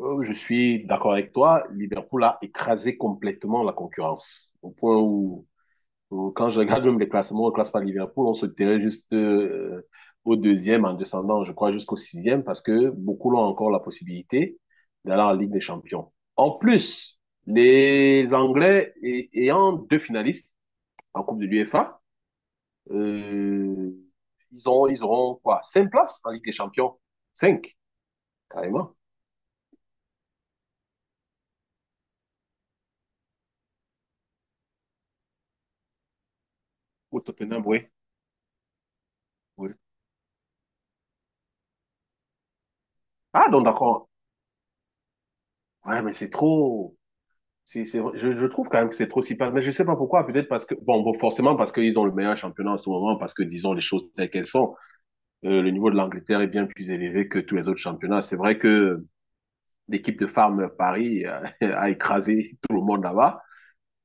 Je suis d'accord avec toi. Liverpool a écrasé complètement la concurrence. Au point où quand je regarde même les classements, on ne classe pas Liverpool, on se terrait juste au deuxième en descendant, je crois, jusqu'au sixième, parce que beaucoup l'ont encore la possibilité d'aller en Ligue des Champions. En plus, les Anglais ayant deux finalistes en Coupe de l'UEFA, euh, ils auront quoi? Cinq places en Ligue des Champions. Cinq, carrément. Ou Tottenham, oui. Oui. Ah, donc d'accord. Ouais, mais c'est trop. Je trouve quand même que c'est trop si passe. Mais je sais pas pourquoi. Peut-être parce que. Bon forcément, parce qu'ils ont le meilleur championnat en ce moment, parce que disons les choses telles qu'elles sont. Le niveau de l'Angleterre est bien plus élevé que tous les autres championnats. C'est vrai que l'équipe de Farm Paris a, a écrasé tout le monde là-bas.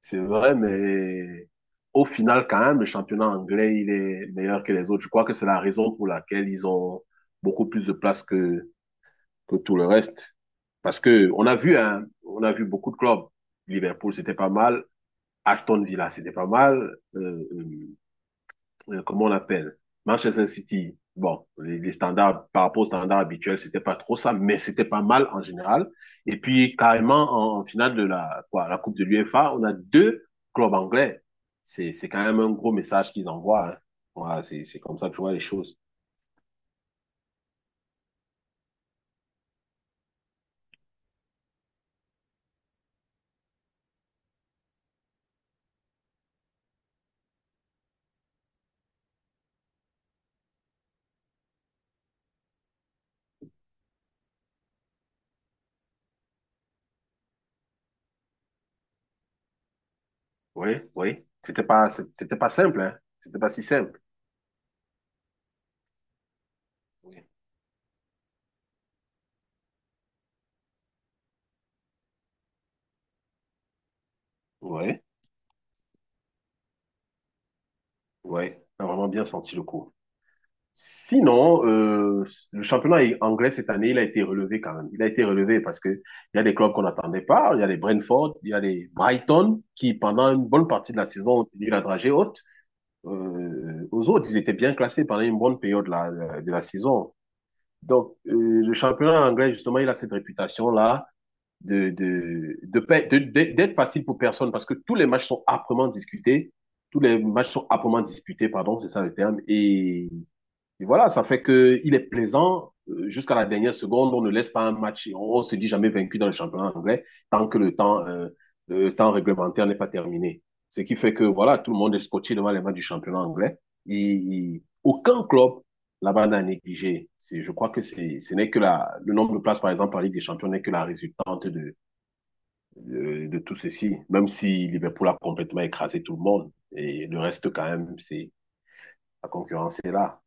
C'est vrai, mais au final, quand même, le championnat anglais, il est meilleur que les autres. Je crois que c'est la raison pour laquelle ils ont beaucoup plus de place que tout le reste. Parce que on a vu, hein, on a vu beaucoup de clubs. Liverpool, c'était pas mal. Aston Villa, c'était pas mal. Comment on appelle? Manchester City, bon, standards, par rapport aux standards habituels, c'était pas trop ça, mais c'était pas mal en général. Et puis, carrément, en finale de la, quoi, la Coupe de l'UEFA, on a deux clubs anglais. C'est quand même un gros message qu'ils envoient. Hein. Voilà, c'est comme ça que je vois les choses. Oui, oui. C'était pas simple, hein. C'était pas si simple. Oui. Ouais, ouais, t'as vraiment bien senti le coup. Sinon, le championnat anglais cette année, il a été relevé quand même. Il a été relevé parce que il y a des clubs qu'on n'attendait pas. Il y a les Brentford, il y a les Brighton qui, pendant une bonne partie de la saison, ont tenu la dragée haute. Aux autres, ils étaient bien classés pendant une bonne période là, de la saison. Donc, le championnat anglais, justement, il a cette réputation-là d'être facile pour personne parce que tous les matchs sont âprement discutés. Tous les matchs sont âprement disputés, pardon, c'est ça le terme. Et voilà, ça fait qu'il est plaisant jusqu'à la dernière seconde. On ne laisse pas un match, ne se dit jamais vaincu dans le championnat anglais tant que le temps réglementaire n'est pas terminé. Ce qui fait que voilà, tout le monde est scotché devant les matchs du championnat anglais. Et aucun club là-bas n'a négligé. C'est Je crois que c'est ce n'est que la, le nombre de places, par exemple, en Ligue des Champions n'est que la résultante de tout ceci, même si Liverpool a complètement écrasé tout le monde. Et le reste, quand même, c'est la concurrence est là.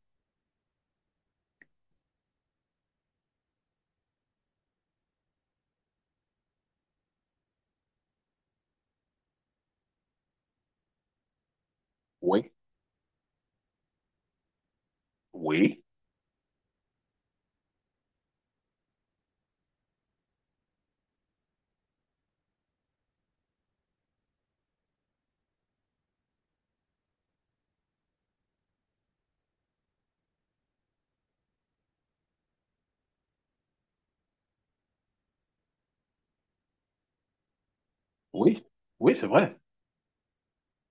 Oui, oui, oui, oui, c'est vrai,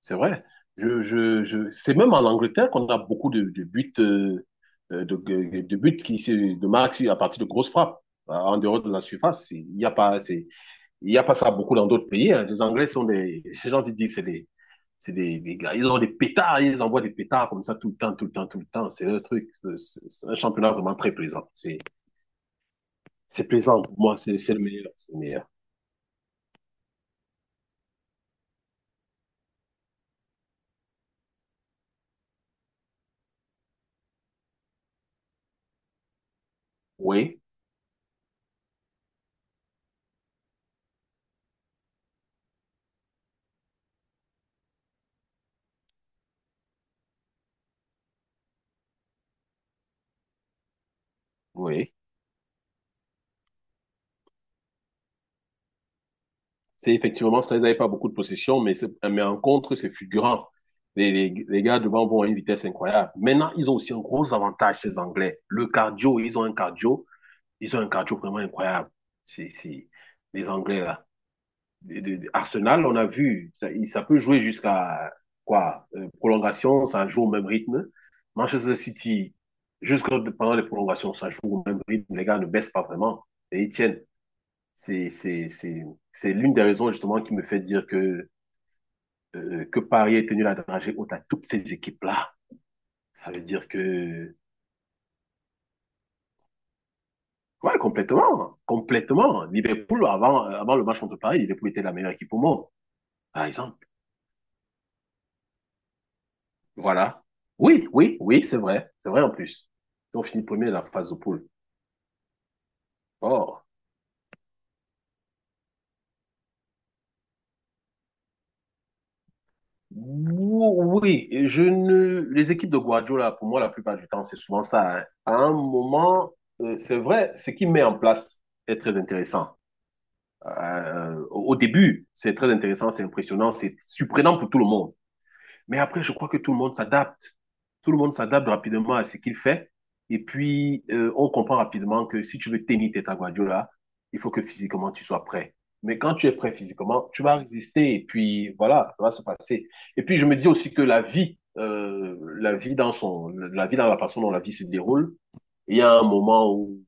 c'est vrai. C'est même en Angleterre qu'on a beaucoup de buts, de buts qui se de marquent à partir de grosses frappes, en dehors de la surface. Il n'y a pas ça beaucoup dans d'autres pays. Hein. Les Anglais sont des, j'ai envie de dire, des gars. Ils ont des pétards, ils envoient des pétards comme ça tout le temps, tout le temps, tout le temps. C'est un truc, c'est un championnat vraiment très plaisant. C'est plaisant pour moi, c'est le meilleur, c'est le meilleur. Oui, oui. C'est effectivement ça, ils n'avaient pas beaucoup de possession, mais, mais en contre, c'est fulgurant. Les gars devant vont à une vitesse incroyable. Maintenant, ils ont aussi un gros avantage, ces Anglais. Le cardio, ils ont un cardio vraiment incroyable. C'est, c'est, les Anglais, là. Arsenal, on a vu, ça peut jouer jusqu'à quoi? Prolongation, ça joue au même rythme. Manchester City, jusque pendant les prolongations, ça joue au même rythme. Les gars ne baissent pas vraiment et ils tiennent. C'est, c'est, c'est, c'est l'une des raisons justement qui me fait dire que Paris est tenu la dragée haute à toutes ces équipes-là. Ça veut dire que, ouais, complètement, complètement. Liverpool, avant le match contre Paris, Liverpool était la meilleure équipe au monde, par exemple. Voilà. Oui, oui, oui, c'est vrai. C'est vrai en plus. Ils ont fini premier de la phase de poule. Oh. Oui, et je ne... les équipes de Guardiola, pour moi, la plupart du temps, c'est souvent ça. Hein. À un moment, c'est vrai, ce qu'il met en place est très intéressant. Au début, c'est très intéressant, c'est impressionnant, c'est surprenant pour tout le monde. Mais après, je crois que tout le monde s'adapte. Tout le monde s'adapte rapidement à ce qu'il fait. Et puis, on comprend rapidement que si tu veux tenir tête à Guardiola, il faut que physiquement tu sois prêt. Mais quand tu es prêt physiquement, tu vas résister et puis voilà, ça va se passer. Et puis, je me dis aussi que la vie dans son, la vie dans la façon dont la vie se déroule, il y a un moment où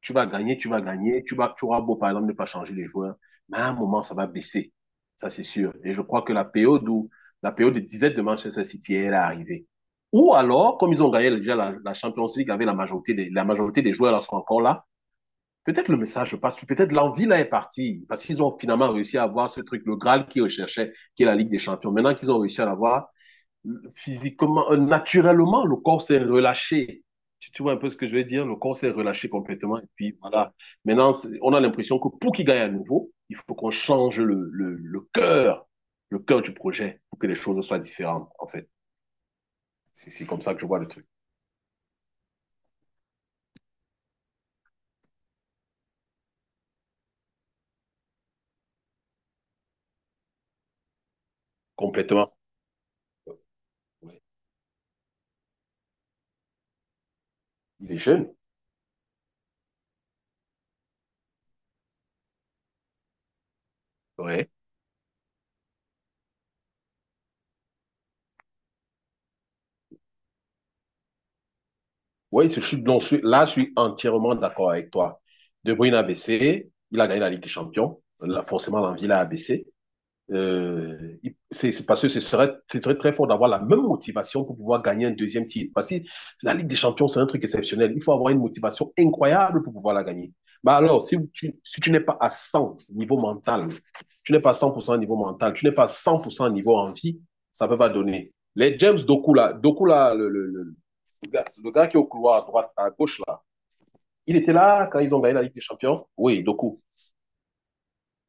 tu vas gagner, tu vas gagner, tu auras beau, par exemple, ne pas changer les joueurs, mais à un moment, ça va baisser. Ça, c'est sûr. Et je crois que la période de disette de Manchester City, elle est arrivée. Ou alors, comme ils ont gagné déjà la Champions League avec la majorité des joueurs là sont encore là, peut-être le message passe, peut-être l'envie là est partie, parce qu'ils ont finalement réussi à avoir ce truc, le Graal qu'ils recherchaient, qui est la Ligue des Champions. Maintenant qu'ils ont réussi à l'avoir, physiquement, naturellement, le corps s'est relâché. Tu vois un peu ce que je veux dire? Le corps s'est relâché complètement. Et puis voilà. Maintenant, on a l'impression que pour qu'il gagne à nouveau, il faut qu'on change le cœur du projet pour que les choses soient différentes, en fait. C'est comme ça que je vois le truc. Complètement. Ouais. Il est jeune. Ouais. Ouais, je suis, donc là, je suis entièrement d'accord avec toi. De Bruyne a baissé. Il a gagné la Ligue des Champions. Là, forcément, l'envie l'a abaissé. Euh, c'est parce que ce serait très fort d'avoir la même motivation pour pouvoir gagner un deuxième titre. Parce que la Ligue des Champions, c'est un truc exceptionnel. Il faut avoir une motivation incroyable pour pouvoir la gagner. Mais alors, si tu n'es pas à 100 niveau mental, tu n'es pas à 100% au niveau mental, tu n'es pas à 100% au niveau envie, ça ne peut pas donner. Les James Doku, là, le gars qui est au couloir à droite, à gauche, là, il était là quand ils ont gagné la Ligue des Champions. Oui, Doku.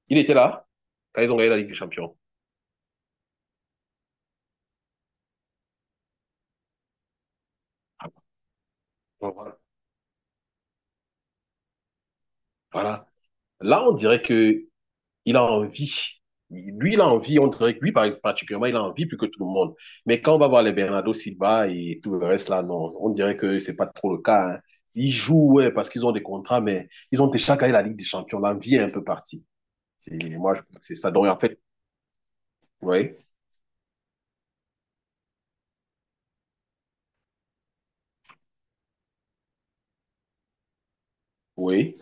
Il était là quand ils ont gagné la Ligue des Champions. Ah, bon, voilà. Voilà. Là, on dirait que il a envie. Lui, il a envie, on dirait que lui, particulièrement, il a envie plus que tout le monde. Mais quand on va voir les Bernardo Silva et tout le reste là, non, on dirait que c'est pas trop le cas. Hein. Ils jouent, ouais, parce qu'ils ont des contrats, mais ils ont déjà gagné la Ligue des Champions. L'envie est un peu partie. Moi, je pense que c'est ça. Donc, en fait, oui, oui.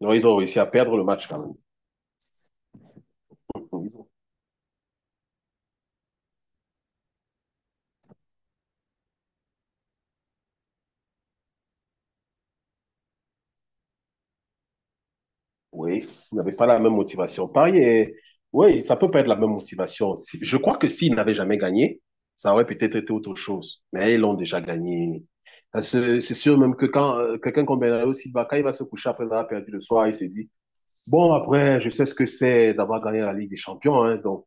Non, ils ont réussi à perdre le match quand même. Oui, vous n'avez pas la même motivation. Pareil, oui, ça peut pas être la même motivation. Je crois que s'ils n'avaient jamais gagné, ça aurait peut-être été autre chose. Mais ils l'ont déjà gagné. Parce que c'est sûr même que quand quelqu'un comme Bernardo Silva, quand il va se coucher après avoir perdu le soir, il se dit, bon, après, je sais ce que c'est d'avoir gagné la Ligue des Champions. Hein. Donc,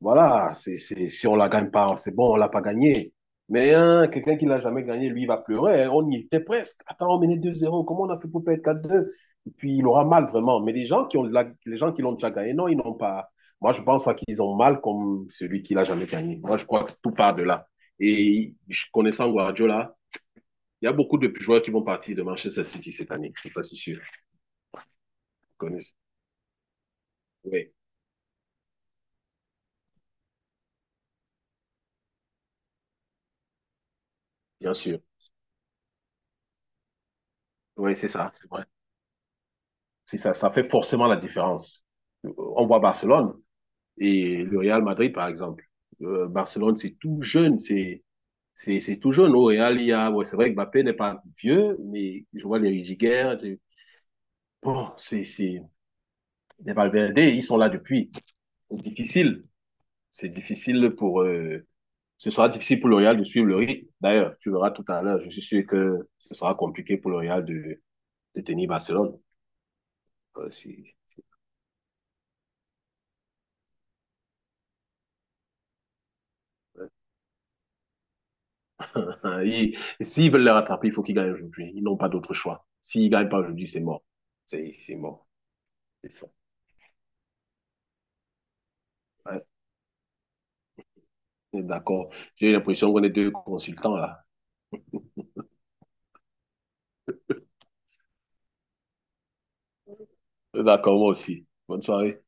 voilà, si on la gagne pas, c'est bon, on l'a pas gagné. Mais hein, quelqu'un qui l'a jamais gagné, lui, il va pleurer. Hein. On y était presque. Attends, on menait 2-0. Comment on a fait pour perdre 4-2? Et puis, il aura mal, vraiment. Mais les gens qui ont, les gens qui l'ont déjà gagné, non, ils n'ont pas. Moi, je pense pas qu'ils ont mal comme celui qui l'a jamais gagné. Moi, je crois que tout part de là. Et connaissant Guardiola, il y a beaucoup de joueurs qui vont partir de Manchester City cette année. Je suis pas si sûr. Ils connaissent. Oui, bien sûr. Oui, c'est ça, c'est vrai. C'est ça, ça fait forcément la différence. On voit Barcelone et le Real Madrid, par exemple. Barcelone, c'est tout jeune, c'est tout jeune. Au Real, il y a, ouais, c'est vrai que Mbappé n'est pas vieux, mais je vois les Rudiger, bon, c'est les Valverde, ils sont là depuis. C'est difficile, c'est difficile pour. Ce sera difficile pour le Real de suivre le rythme. D'ailleurs, tu verras tout à l'heure. Je suis sûr que ce sera compliqué pour le Real de tenir Barcelone. Euh, si- Hein, s'ils veulent les rattraper, il faut qu'ils gagnent aujourd'hui. Ils n'ont pas d'autre choix. S'ils ne gagnent pas aujourd'hui, c'est mort. C'est mort. C'est ça. Ouais, on est d'accord. J'ai l'impression qu'on est deux consultants là. D'accord, moi aussi. Bonne soirée.